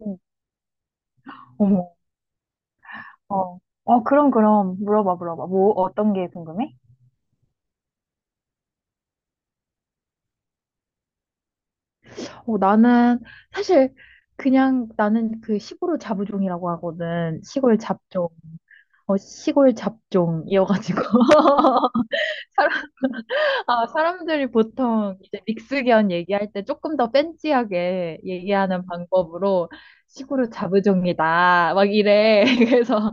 응. 어머, 어. 어, 그럼, 그럼. 물어봐, 물어봐. 뭐, 어떤 게 궁금해? 어, 나는 사실 그냥 나는 그 시골 잡종이라고 하거든. 시골 잡종. 어, 시골 잡종이어가지고. 사람, 아, 사람들이 보통 이제 믹스견 얘기할 때 조금 더 팬시하게 얘기하는 방법으로 시골 잡종이다. 막 이래. 그래서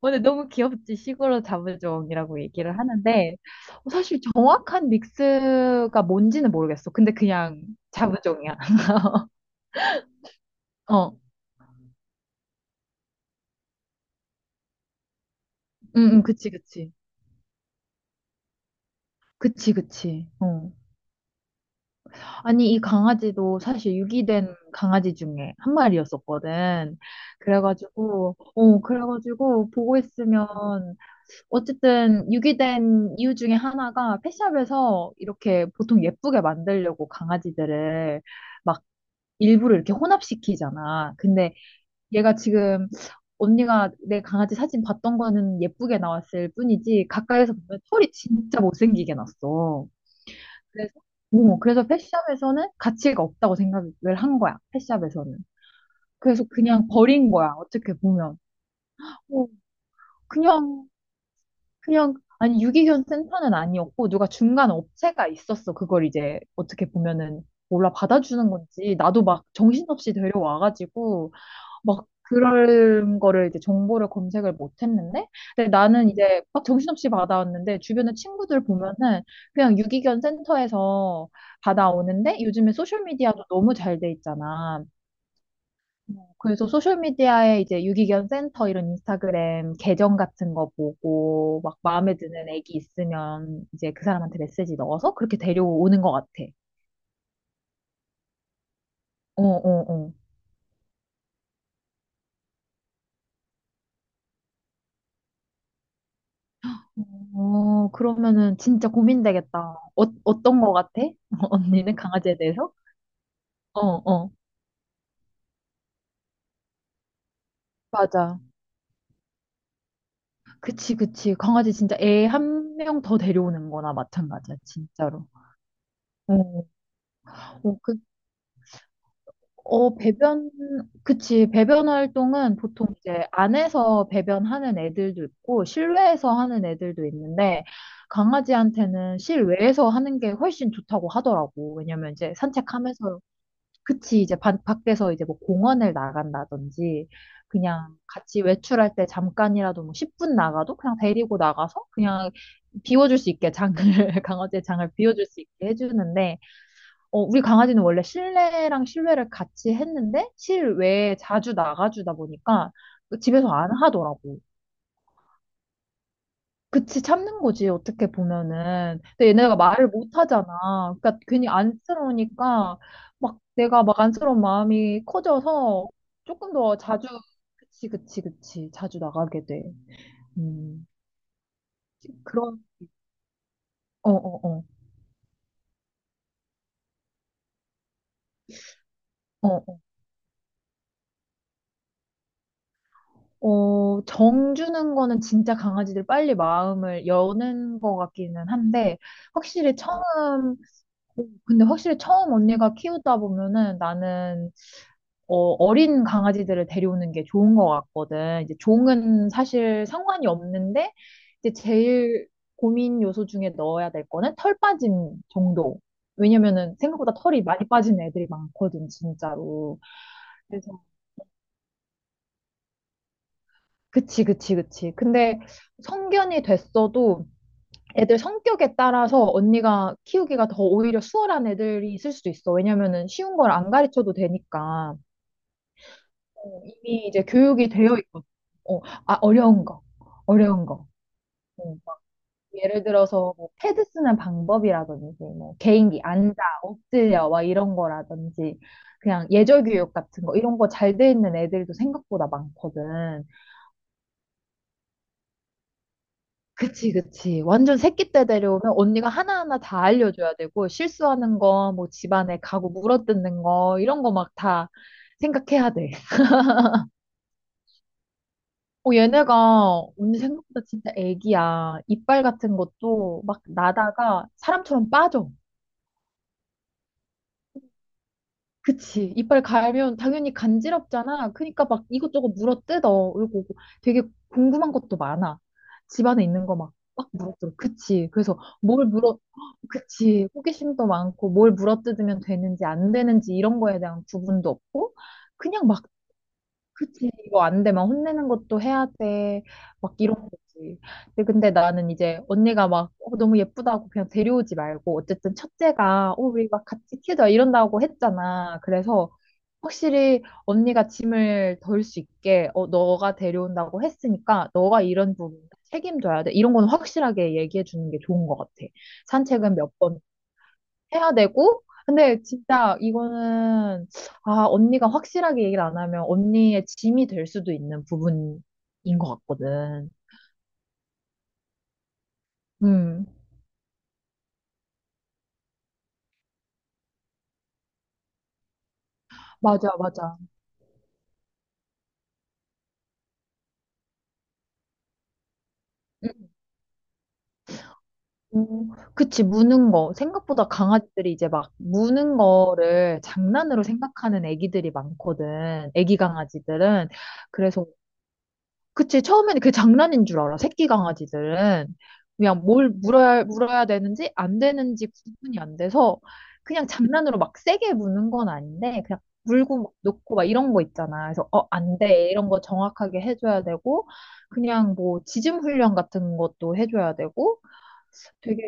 근데 너무 귀엽지. 시골로 잡으종이라고 얘기를 하는데, 어, 사실 정확한 믹스가 뭔지는 모르겠어. 근데 그냥 잡으종이야. 어, 응, 응, 그치, 그치. 그치, 그치. 어. 아니, 이 강아지도 사실 유기된 강아지 중에 한 마리였었거든. 그래가지고, 어, 그래가지고 보고 있으면, 어쨌든 유기된 이유 중에 하나가 펫샵에서 이렇게 보통 예쁘게 만들려고 강아지들을 막 일부러 이렇게 혼합시키잖아. 근데 얘가 지금 언니가 내 강아지 사진 봤던 거는 예쁘게 나왔을 뿐이지 가까이서 보면 털이 진짜 못생기게 났어. 그래서 어, 그래서 펫샵에서는 가치가 없다고 생각을 한 거야. 펫샵에서는. 그래서 그냥 버린 거야. 어떻게 보면. 어, 그냥 그냥 아니 유기견 센터는 아니었고 누가 중간 업체가 있었어. 그걸 이제 어떻게 보면은 몰라 받아주는 건지 나도 막 정신없이 데려와가지고 막 그런 거를 이제 정보를 검색을 못 했는데, 근데 나는 이제 막 정신없이 받아왔는데, 주변에 친구들 보면은 그냥 유기견 센터에서 받아오는데, 요즘에 소셜미디어도 너무 잘 돼 있잖아. 뭐, 그래서 소셜미디어에 이제 유기견 센터 이런 인스타그램 계정 같은 거 보고, 막 마음에 드는 애기 있으면 이제 그 사람한테 메시지 넣어서 그렇게 데려오는 것 같아. 어, 어, 어. 어, 그러면은 진짜 고민되겠다. 어, 어떤 거 같아? 언니는 강아지에 대해서? 어, 어. 맞아. 그치, 그치. 강아지 진짜 애 한 명 더 데려오는 거나 마찬가지야, 진짜로. 어, 어, 배변, 그치. 배변 활동은 보통 이제 안에서 배변하는 애들도 있고, 실외에서 하는 애들도 있는데, 강아지한테는 실외에서 하는 게 훨씬 좋다고 하더라고. 왜냐면 이제 산책하면서 그치, 이제 밖에서 이제 뭐 공원을 나간다든지, 그냥 같이 외출할 때 잠깐이라도 뭐 10분 나가도 그냥 데리고 나가서 그냥 비워줄 수 있게 장을, 강아지의 장을 비워줄 수 있게 해주는데, 어, 우리 강아지는 원래 실내랑 실외를 같이 했는데, 실외에 자주 나가주다 보니까 집에서 안 하더라고. 그치, 참는 거지, 어떻게 보면은. 근데 얘네가 말을 못 하잖아. 그러니까 괜히 안쓰러우니까, 막 내가 막 안쓰러운 마음이 커져서 조금 더 자주, 그치, 그치, 그치, 자주 나가게 돼. 음. 그런, 어, 어, 어. 어, 어, 어, 정 주는 거는 진짜 강아지들 빨리 마음을 여는 것 같기는 한데, 확실히 처음, 어, 근데 확실히 처음 언니가 키우다 보면은 나는 어, 어린 강아지들을 데려오는 게 좋은 것 같거든. 이제 종은 사실 상관이 없는데, 이제 제일 고민 요소 중에 넣어야 될 거는 털 빠짐 정도. 왜냐면은 생각보다 털이 많이 빠진 애들이 많거든, 진짜로. 그래서, 그치, 그치, 그치. 근데 성견이 됐어도 애들 성격에 따라서 언니가 키우기가 더 오히려 수월한 애들이 있을 수도 있어. 왜냐면은 쉬운 걸 안 가르쳐도 되니까. 어, 이미 이제 교육이 되어 있거든. 어, 아, 어려운 거. 어려운 거. 어, 예를 들어서 뭐 패드 쓰는 방법이라든지 뭐 개인기 앉아 엎드려 막 이런 거라든지 그냥 예절 교육 같은 거 이런 거 잘 돼 있는 애들도 생각보다 많거든. 그치 그치. 완전 새끼 때 데려오면 언니가 하나하나 다 알려줘야 되고 실수하는 거 뭐 집안에 가구 물어뜯는 거 이런 거 막 다 생각해야 돼. 어, 얘네가 언니 생각보다 진짜 애기야. 이빨 같은 것도 막 나다가 사람처럼 빠져. 그치. 이빨 갈면 당연히 간지럽잖아. 그러니까 막 이것저것 물어뜯어. 그리고 되게 궁금한 것도 많아. 집안에 있는 거 막, 막 물어뜯어. 그치. 그치. 호기심도 많고 뭘 물어뜯으면 되는지 안 되는지 이런 거에 대한 구분도 없고 그냥 막 그치, 이거 안 되면 혼내는 것도 해야 돼. 막 이런 거지. 근데 나는 이제 언니가 막 어, 너무 예쁘다고 그냥 데려오지 말고 어쨌든 첫째가 어, 우리 막 같이 키워자 이런다고 했잖아. 그래서 확실히 언니가 짐을 덜 수 있게 어, 너가 데려온다고 했으니까 너가 이런 부분 책임져야 돼. 이런 건 확실하게 얘기해 주는 게 좋은 것 같아. 산책은 몇번 해야 되고, 근데 진짜 이거는, 아, 언니가 확실하게 얘기를 안 하면 언니의 짐이 될 수도 있는 부분인 것 같거든. 음, 맞아, 맞아. 음, 그치, 무는 거. 생각보다 강아지들이 이제 막 무는 거를 장난으로 생각하는 애기들이 많거든. 애기 강아지들은. 그래서 그치, 처음에는 그게 장난인 줄 알아, 새끼 강아지들은. 그냥 물어야 되는지 안 되는지 구분이 안 돼서 그냥 장난으로 막 세게 무는 건 아닌데 그냥 물고 막 놓고 막 이런 거 있잖아. 그래서 어, 안 돼. 이런 거 정확하게 해줘야 되고 그냥 뭐 지짐 훈련 같은 것도 해줘야 되고 되게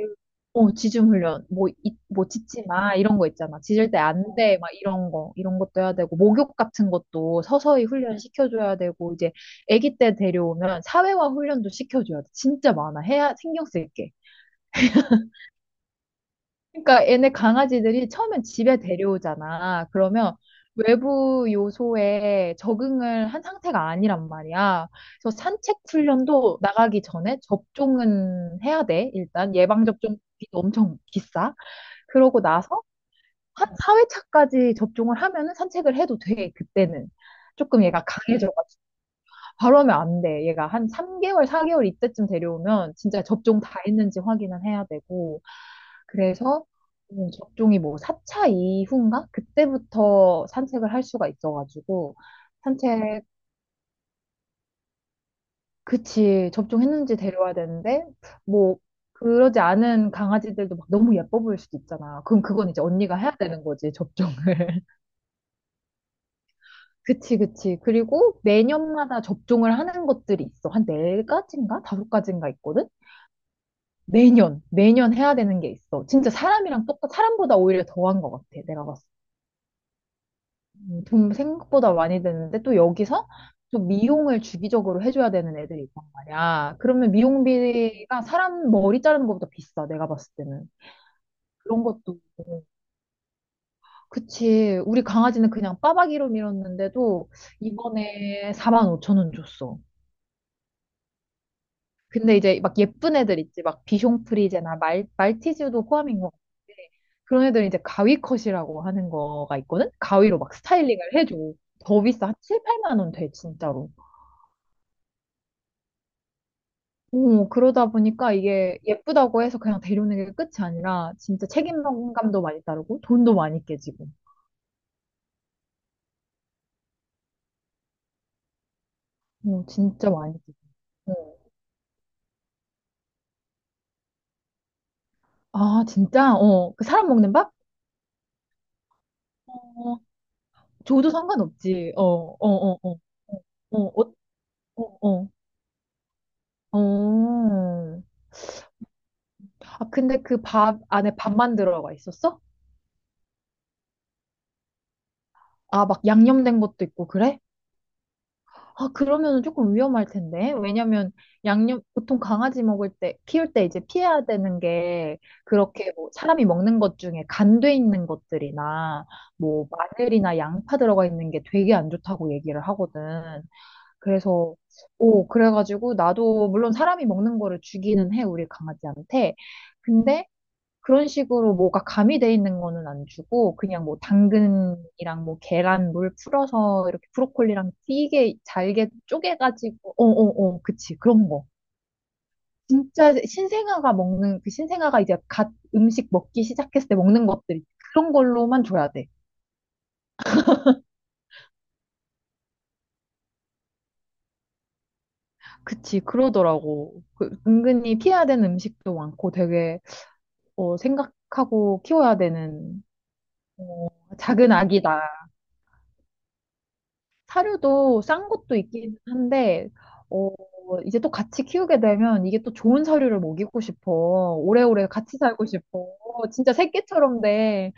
어 지중 훈련 뭐뭐 짖지 마 이런 거 있잖아 짖을 때 안 돼 막 이런 거 이런 것도 해야 되고 목욕 같은 것도 서서히 훈련 시켜줘야 되고 이제 아기 때 데려오면 사회화 훈련도 시켜줘야 돼 진짜 많아 해야 신경 쓸게 그러니까 얘네 강아지들이 처음엔 집에 데려오잖아 그러면 외부 요소에 적응을 한 상태가 아니란 말이야 그래서 산책 훈련도 나가기 전에 접종은 해야 돼 일단 예방 접종비도 엄청 비싸 그러고 나서 한 4회차까지 접종을 하면은 산책을 해도 돼, 그때는. 조금 얘가 강해져가. 바로 하면 안 돼. 얘가 한 3개월, 4개월 이때쯤 데려오면 진짜 접종 다 했는지 확인을 해야 되고. 그래서 접종이 뭐 4차 이후인가? 그때부터 산책을 할 수가 있어가지고. 산책, 그치, 접종했는지 데려와야 되는데, 뭐, 그러지 않은 강아지들도 막 너무 예뻐 보일 수도 있잖아. 그럼 그건 이제 언니가 해야 되는 거지, 접종을. 그치, 그치. 그리고 매년마다 접종을 하는 것들이 있어. 한 네가지인가 다섯 가지인가 있거든? 매년, 매년 해야 되는 게 있어. 진짜 사람보다 오히려 더한 것 같아. 내가 봤을 때. 돈 생각보다 많이 드는데 또 여기서 또 미용을 주기적으로 해줘야 되는 애들이 있단 말이야. 그러면 미용비가 사람 머리 자르는 것보다 비싸. 내가 봤을 때는. 그런 것도. 그치. 우리 강아지는 그냥 빠박이로 밀었는데도 이번에 4만 5천 원 줬어. 근데 이제 막 예쁜 애들 있지. 막 비숑프리제나 말티즈도 포함인 것 같은데 그런 애들은 이제 가위컷이라고 하는 거가 있거든? 가위로 막 스타일링을 해줘. 더 비싸. 한 7, 8만 원 돼, 진짜로. 오, 그러다 보니까 이게 예쁘다고 해서 그냥 데려오는 게 끝이 아니라 진짜 책임감도 많이 따르고 돈도 많이 깨지고. 오, 진짜 많이 깨지고. 어. 아, 진짜? 어, 그 사람 먹는 밥? 어, 줘도 상관없지. 어, 어, 어, 어. 어, 어, 어, 어. 어. 어. 아, 근데 그 밥 안에 밥만 들어가 있었어? 아, 막 양념된 것도 있고, 그래? 아, 그러면 은 조금 위험할 텐데. 왜냐면 양념, 보통 강아지 먹을 때, 키울 때 이제 피해야 되는 게, 그렇게 뭐 사람이 먹는 것 중에 간돼 있는 것들이나, 뭐 마늘이나 양파 들어가 있는 게 되게 안 좋다고 얘기를 하거든. 그래서, 오, 그래가지고 나도 물론 사람이 먹는 거를 주기는 해, 우리 강아지한테. 근데 그런 식으로 뭐가 가미돼 있는 거는 안 주고 그냥 뭐 당근이랑 뭐 계란 물 풀어서 이렇게 브로콜리랑 되게 잘게 쪼개가지고 어어어 그치 그런 거 진짜 신생아가 먹는 그 신생아가 이제 갓 음식 먹기 시작했을 때 먹는 것들 그런 걸로만 줘야 돼 그치 그러더라고 그 은근히 피해야 되는 음식도 많고 되게 어, 생각하고 키워야 되는 작은 아기다 사료도 싼 것도 있긴 한데, 어, 이제 또 같이 키우게 되면 이게 또 좋은 사료를 먹이고 싶어. 오래오래 같이 살고 싶어. 진짜 새끼처럼 돼.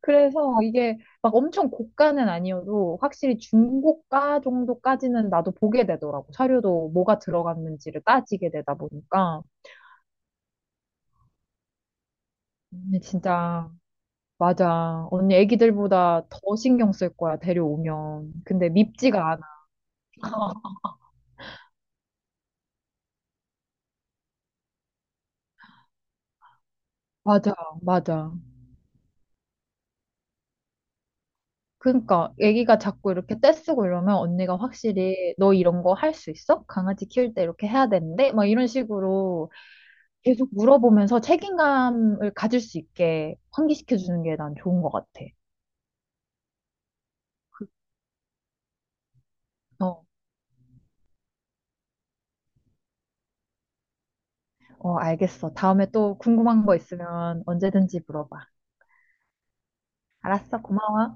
그래서 이게 막 엄청 고가는 아니어도 확실히 중고가 정도까지는 나도 보게 되더라고. 사료도 뭐가 들어갔는지를 따지게 되다 보니까. 언니 진짜, 맞아. 언니 애기들보다 더 신경 쓸 거야, 데려오면. 근데 밉지가 않아. 맞아, 맞아. 그러니까 애기가 자꾸 이렇게 떼쓰고 이러면 언니가 확실히 너 이런 거 할 수 있어? 강아지 키울 때 이렇게 해야 되는데? 막 이런 식으로 계속 물어보면서 책임감을 가질 수 있게 환기시켜 주는 게 난 좋은 것 같아. 어, 어, 알겠어. 다음에 또 궁금한 거 있으면 언제든지 물어봐. 알았어, 고마워.